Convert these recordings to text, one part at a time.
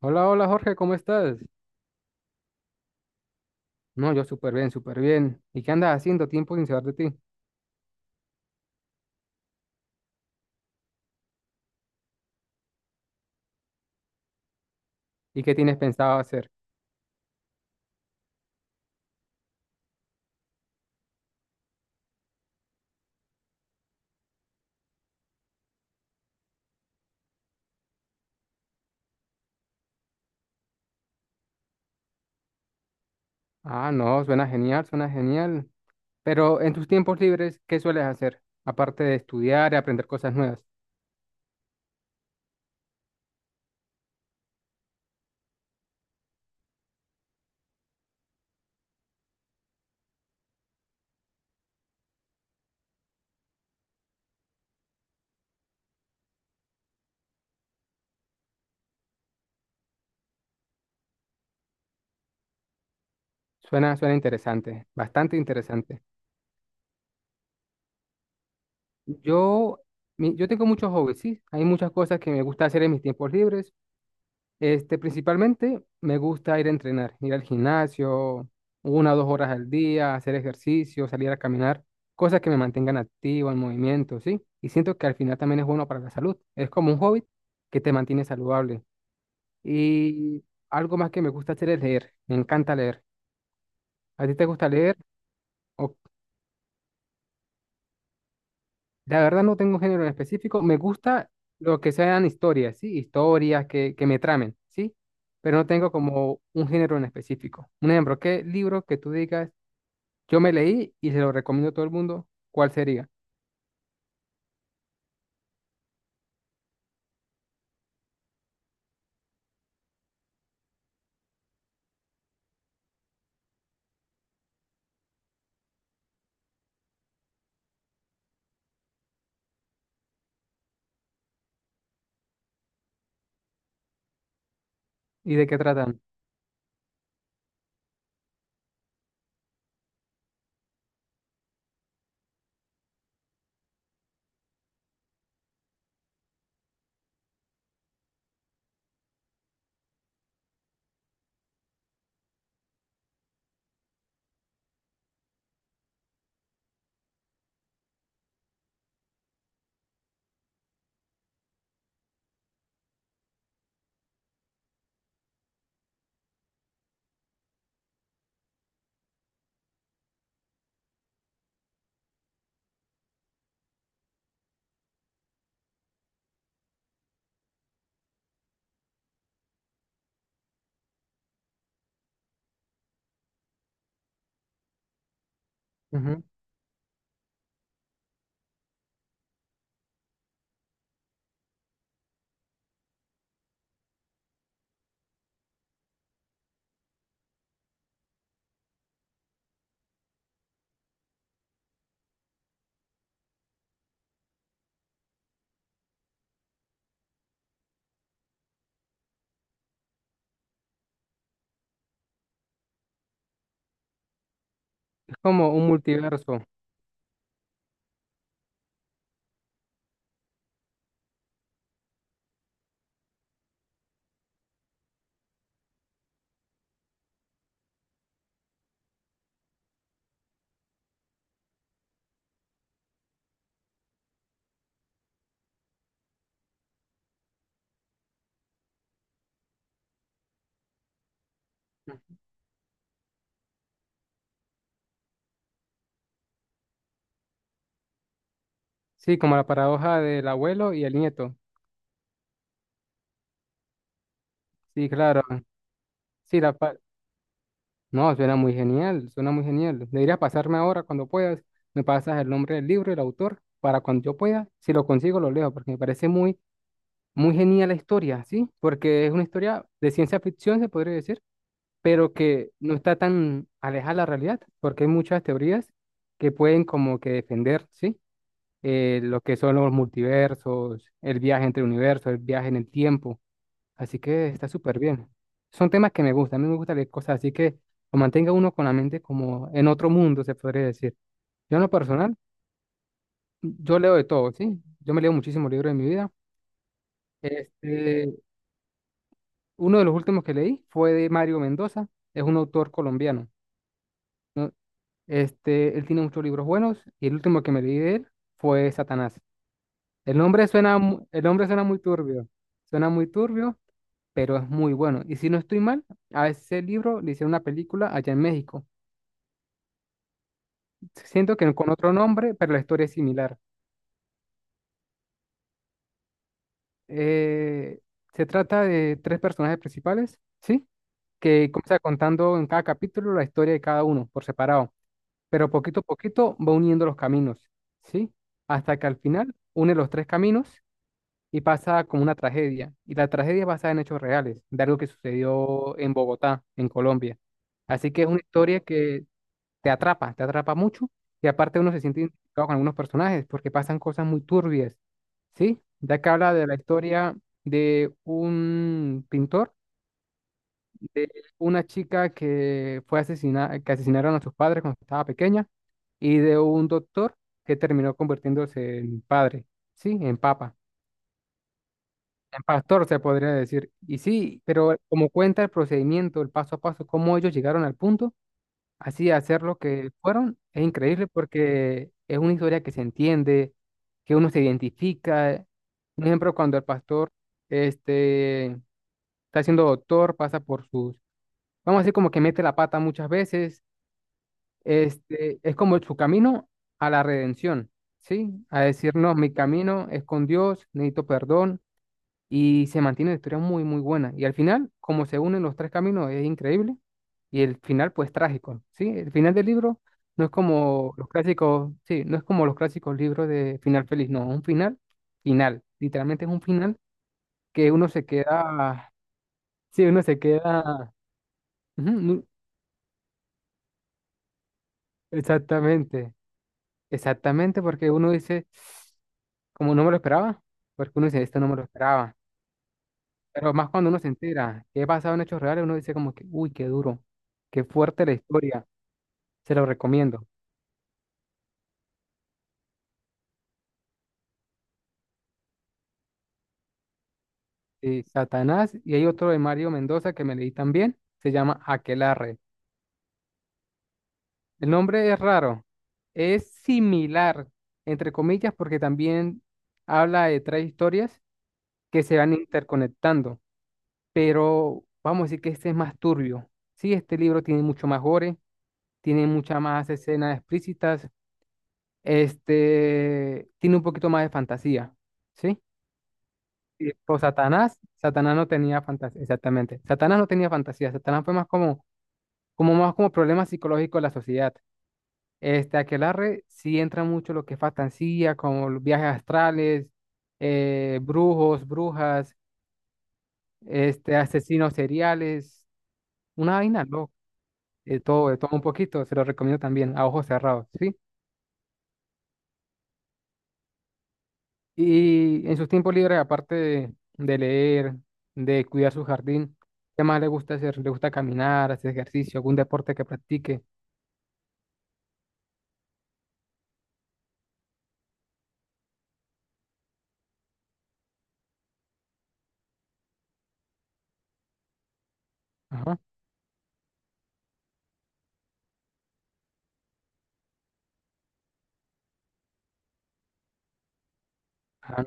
Hola, hola Jorge, ¿cómo estás? No, yo súper bien, súper bien. ¿Y qué andas haciendo? Tiempo sin saber de ti. ¿Y qué tienes pensado hacer? Ah, no, suena genial, suena genial. Pero en tus tiempos libres, ¿qué sueles hacer? Aparte de estudiar y aprender cosas nuevas. Suena, suena interesante, bastante interesante. Yo, yo tengo muchos hobbies, sí. Hay muchas cosas que me gusta hacer en mis tiempos libres. Principalmente me gusta ir a entrenar, ir al gimnasio, una o dos horas al día, hacer ejercicio, salir a caminar, cosas que me mantengan activo, en movimiento, ¿sí? Y siento que al final también es bueno para la salud. Es como un hobby que te mantiene saludable. Y algo más que me gusta hacer es leer. Me encanta leer. ¿A ti te gusta leer? La verdad no tengo un género en específico. Me gusta lo que sean historias, ¿sí? Historias que me tramen, ¿sí? Pero no tengo como un género en específico. Un ejemplo, ¿qué libro que tú digas, yo me leí y se lo recomiendo a todo el mundo? ¿Cuál sería? ¿Y de qué tratan? Ujú. Es como un multiverso. Sí, como la paradoja del abuelo y el nieto. Sí, claro. Sí, no, suena muy genial, suena muy genial. Deberías pasarme ahora cuando puedas. Me pasas el nombre del libro, el autor, para cuando yo pueda, si lo consigo, lo leo, porque me parece muy, muy genial la historia, ¿sí? Porque es una historia de ciencia ficción, se podría decir, pero que no está tan alejada de la realidad, porque hay muchas teorías que pueden como que defender, ¿sí? Lo que son los multiversos, el viaje entre universos, el viaje en el tiempo. Así que está súper bien. Son temas que me gustan, a mí me gusta leer cosas, así que lo mantenga uno con la mente como en otro mundo, se podría decir. Yo en lo personal, yo leo de todo, ¿sí? Yo me leo muchísimos libros en mi vida. Este, uno de los últimos que leí fue de Mario Mendoza, es un autor colombiano. Él tiene muchos libros buenos y el último que me leí de él fue Satanás. El nombre suena, el nombre suena muy turbio, pero es muy bueno. Y si no estoy mal, a ese libro le hicieron una película allá en México. Siento que con otro nombre, pero la historia es similar. Eh, se trata de tres personajes principales, ¿sí? Que comienza contando en cada capítulo la historia de cada uno por separado, pero poquito a poquito va uniendo los caminos, ¿sí? Hasta que al final une los tres caminos y pasa como una tragedia. Y la tragedia es basada en hechos reales, de algo que sucedió en Bogotá, en Colombia. Así que es una historia que te atrapa mucho y aparte uno se siente identificado con algunos personajes porque pasan cosas muy turbias, ¿sí? Ya que habla de la historia de un pintor, de una chica que fue asesinada, que asesinaron a sus padres cuando estaba pequeña y de un doctor que terminó convirtiéndose en padre, ¿sí? En papa. En pastor se podría decir. Y sí, pero como cuenta el procedimiento, el paso a paso, cómo ellos llegaron al punto así hacer lo que fueron es increíble porque es una historia que se entiende, que uno se identifica. Un ejemplo, cuando el pastor este, está siendo doctor, pasa por sus, vamos a decir, como que mete la pata muchas veces, es como su camino a la redención, ¿sí? A decir, no, mi camino es con Dios, necesito perdón y se mantiene una historia muy, muy buena. Y al final, como se unen los tres caminos, es increíble. Y el final, pues, trágico, ¿sí? El final del libro no es como los clásicos, sí, no es como los clásicos libros de final feliz, no, es un final final. Literalmente es un final que uno se queda, sí, uno se queda, ujú, exactamente, exactamente, porque uno dice, como no me lo esperaba, porque uno dice, esto no me lo esperaba. Pero más cuando uno se entera que es basado en hechos reales, uno dice como que, uy, qué duro, qué fuerte la historia, se lo recomiendo. Satanás y hay otro de Mario Mendoza que me leí también, se llama Aquelarre. El nombre es raro, es similar, entre comillas, porque también habla de tres historias que se van interconectando, pero vamos a decir que este es más turbio. Sí, este libro tiene mucho más gore, tiene muchas más escenas explícitas, tiene un poquito más de fantasía, ¿sí? Sí, pues Satanás, Satanás no tenía fantasía, exactamente. Satanás no tenía fantasía, Satanás fue más como, como más como problema psicológico de la sociedad. Aquelarre sí entra mucho lo que es fantasía, como los viajes astrales, brujos, brujas, asesinos seriales, una vaina loca, de todo un poquito, se lo recomiendo también, a ojos cerrados, ¿sí? Y en sus tiempos libres, aparte de leer, de cuidar su jardín, ¿qué más le gusta hacer? ¿Le gusta caminar, hacer ejercicio, algún deporte que practique? Ajá. Ah,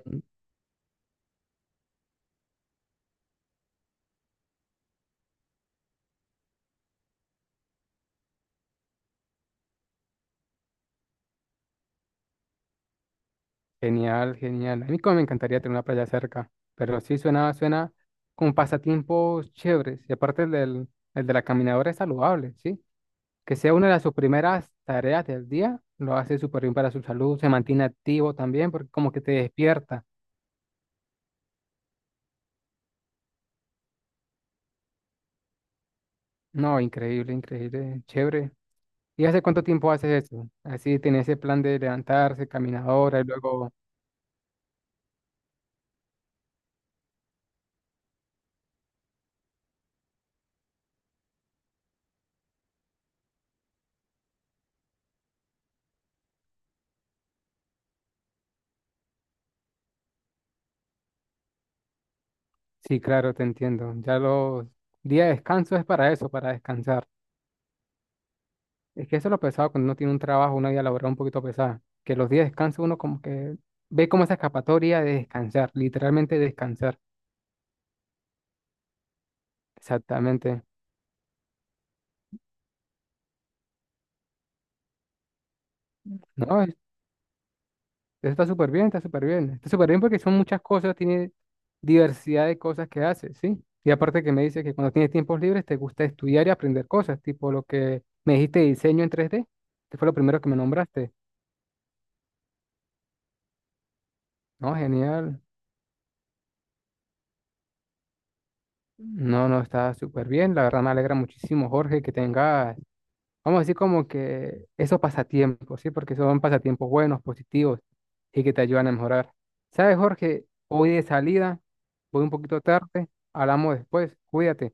genial, genial. A mí como me encantaría tener una playa cerca, pero sí suena, suena con pasatiempos chéveres. Y aparte el de la caminadora es saludable, ¿sí? Que sea una de sus primeras tareas del día, lo hace súper bien para su salud, se mantiene activo también, porque como que te despierta. No, increíble, increíble, chévere. ¿Y hace cuánto tiempo haces eso? Así tenés ese plan de levantarse, caminadora y luego... Sí, claro, te entiendo. Ya los días de descanso es para eso, para descansar. Es que eso es lo pesado cuando uno tiene un trabajo, una vida laboral un poquito pesada. Que los días de descanso uno como que ve como esa escapatoria de descansar, literalmente descansar. Exactamente. No, eso está súper bien, está súper bien. Está súper bien porque son muchas cosas, tiene diversidad de cosas que haces, ¿sí? Y aparte que me dice que cuando tienes tiempos libres te gusta estudiar y aprender cosas, tipo lo que me dijiste de diseño en 3D, que fue lo primero que me nombraste. No, genial. No, no, está súper bien. La verdad me alegra muchísimo, Jorge, que tengas, vamos a decir como que esos pasatiempos, ¿sí? Porque son pasatiempos buenos, positivos y que te ayudan a mejorar. ¿Sabes, Jorge? Hoy de salida, voy un poquito tarde, hablamos después, cuídate.